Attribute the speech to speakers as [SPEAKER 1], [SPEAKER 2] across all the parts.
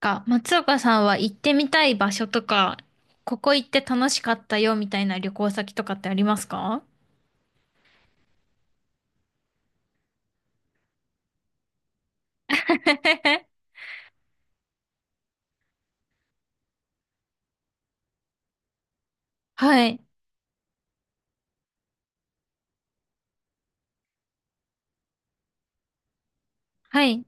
[SPEAKER 1] か、松岡さんは行ってみたい場所とか、ここ行って楽しかったよみたいな旅行先とかってありますか？ はい。はい。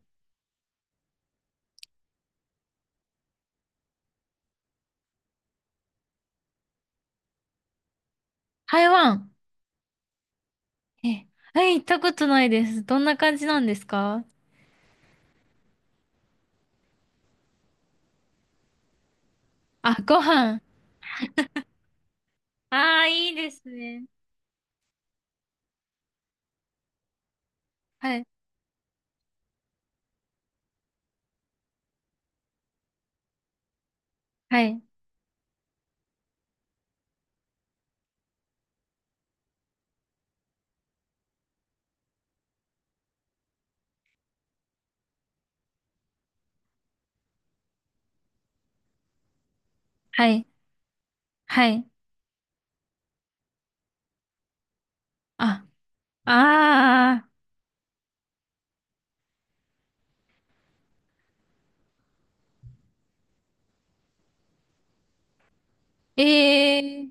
[SPEAKER 1] 台湾。え、はい、行ったことないです。どんな感じなんですか？あ、ご飯。ああ、いいですね。はい。はい。はい。はい。あ、ああ、ええ、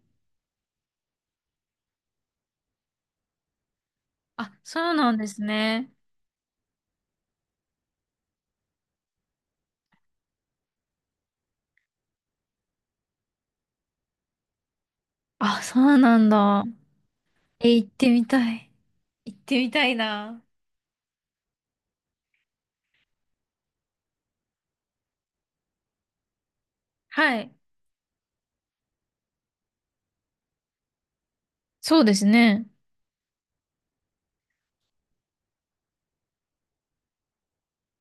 [SPEAKER 1] あ、そうなんですね。あ、そうなんだ。え、行ってみたい。行ってみたいな。はい。そうですね。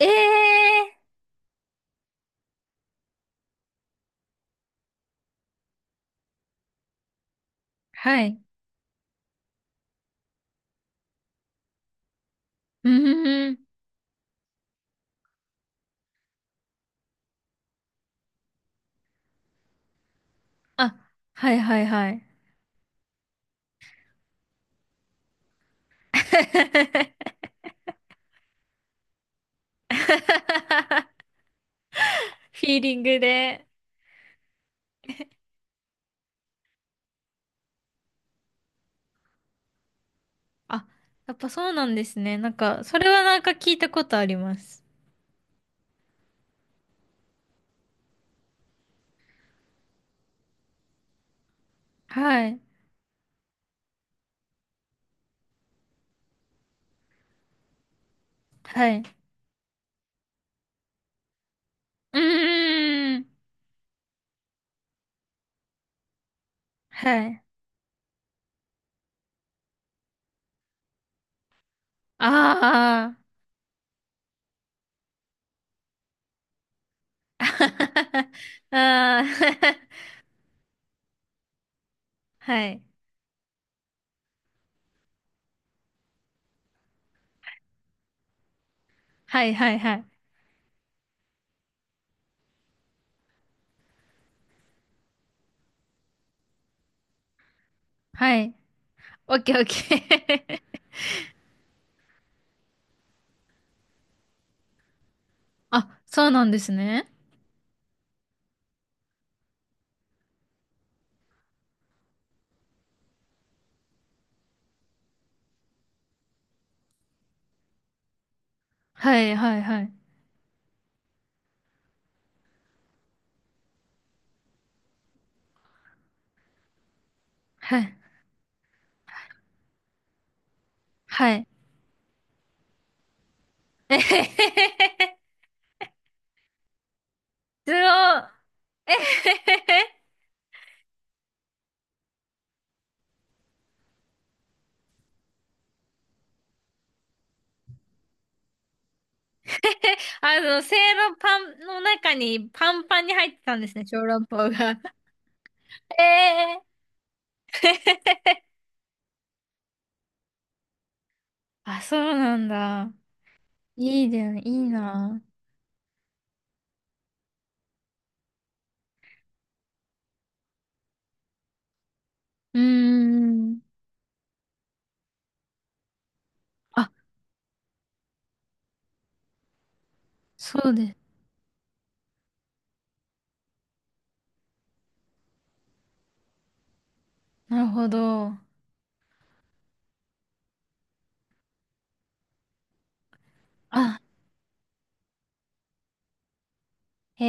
[SPEAKER 1] ええ、はい。うーん。あ、はいはいはい。フィーリングで。あ、やっぱそうなんですね。なんか、それはなんか聞いたことあります。はい。はい。うーん。はい。ああ。ああ はいはいはいはい。はい。オッケーオッケー。あ、そうなんですね。はいはいはい。はい。はい。えへへへへ。すごい。えへへへ。あの、せいろパンの中にパンパンに入ってたんですね、小籠包が。ええー。 あ、そうなんだ。いいだよね、いいな。うーん。あ、そうです。なるほど。あ、へ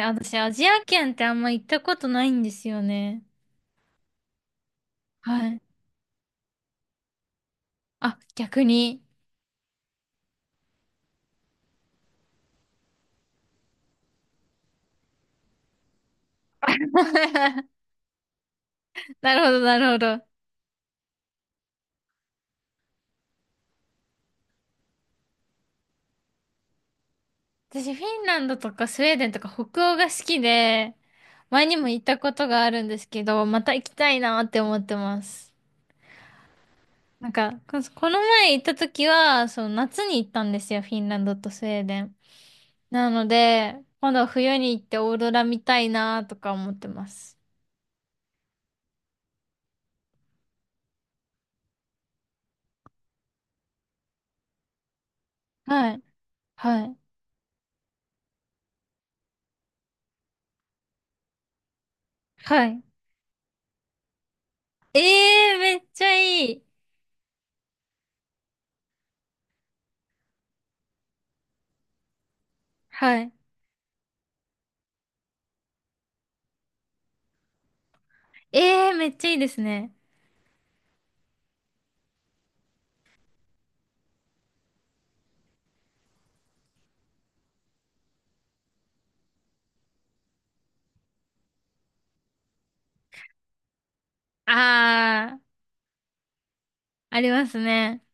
[SPEAKER 1] え、私、アジア圏ってあんま行ったことないんですよね。はい。あ、逆に。なるほど、なるほど。私、フィンランドとかスウェーデンとか北欧が好きで、前にも行ったことがあるんですけど、また行きたいなって思ってます。なんか、ここの前行った時は、その夏に行ったんですよ、フィンランドとスウェーデン。なので、今度は冬に行ってオーロラ見たいなとか思ってます。はい。はい。はい。ええー、めっちゃいい。はい。ええー、めっちゃいいですね。あー、ありますね。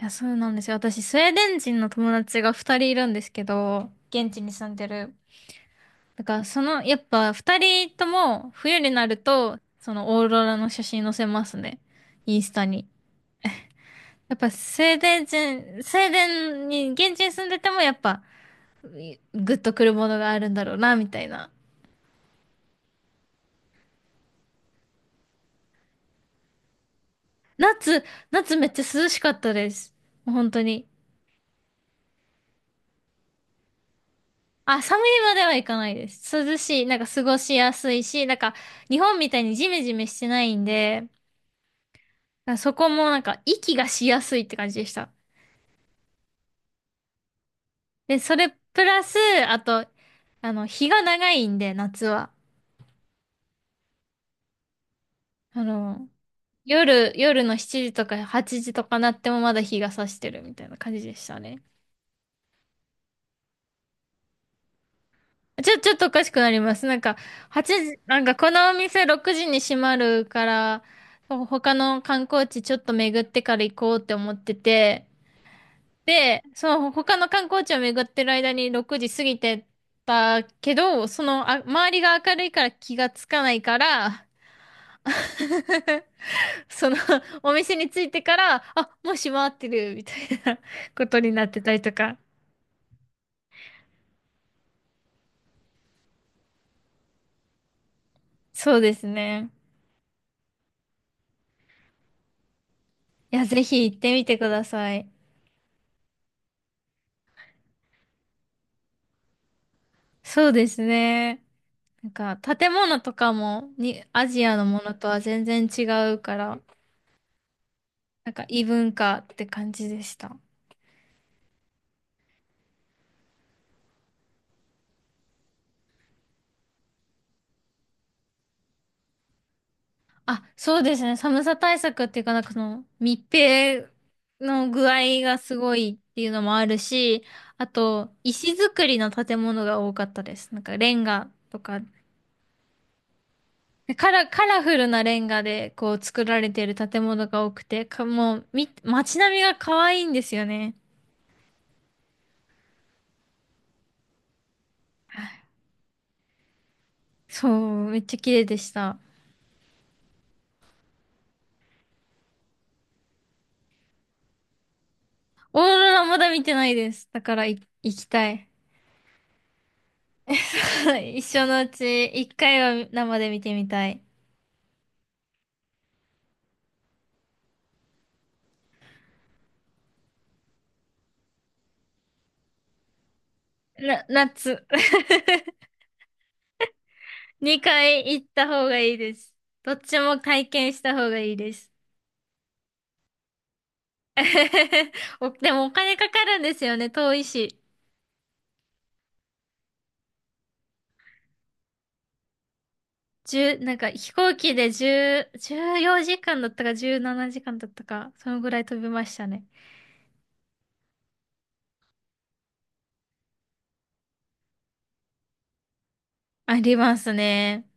[SPEAKER 1] いや、そうなんですよ。私、スウェーデン人の友達が二人いるんですけど、現地に住んでる。だから、その、やっぱ二人とも冬になると、そのオーロラの写真載せますね。インスタに。やっぱスウェーデン人、スウェーデンに、現地に住んでてもやっぱ、グッとくるものがあるんだろうな、みたいな。夏、夏めっちゃ涼しかったです。もう本当に。あ、寒いまではいかないです。涼しい、なんか過ごしやすいし、なんか日本みたいにジメジメしてないんで、あそこもなんか息がしやすいって感じでした。で、それプラス、あと、あの、日が長いんで、夏は。あの、夜の7時とか8時とかなってもまだ日が差してるみたいな感じでしたね。ちょっとおかしくなります。なんか、8時、なんかこのお店6時に閉まるから、他の観光地ちょっと巡ってから行こうって思ってて、で、その他の観光地を巡ってる間に6時過ぎてたけど、そのあ、周りが明るいから気がつかないから、そのお店に着いてから、あ、もう閉まってるみたいな ことになってたりとか。そうですね。いや、ぜひ行ってみてください。そうですね。なんか建物とかもにアジアのものとは全然違うから、なんか異文化って感じでした。あ、そうですね。寒さ対策っていうか、なんかその密閉の具合がすごいっていうのもあるし、あと、石造りの建物が多かったです。なんかレンガとか、カラフルなレンガでこう作られている建物が多くて、もう、街並みが可愛いんですよね。そう、めっちゃ綺麗でした。オーロラまだ見てないです。だから行きたい。一生のうち一回は生で見てみたい。夏。2回行った方がいいです。どっちも体験した方がいいです。でもお金かかるんですよね、遠いし。1なんか飛行機で10、14時間だったか17時間だったか、そのぐらい飛びましたね。ありますね。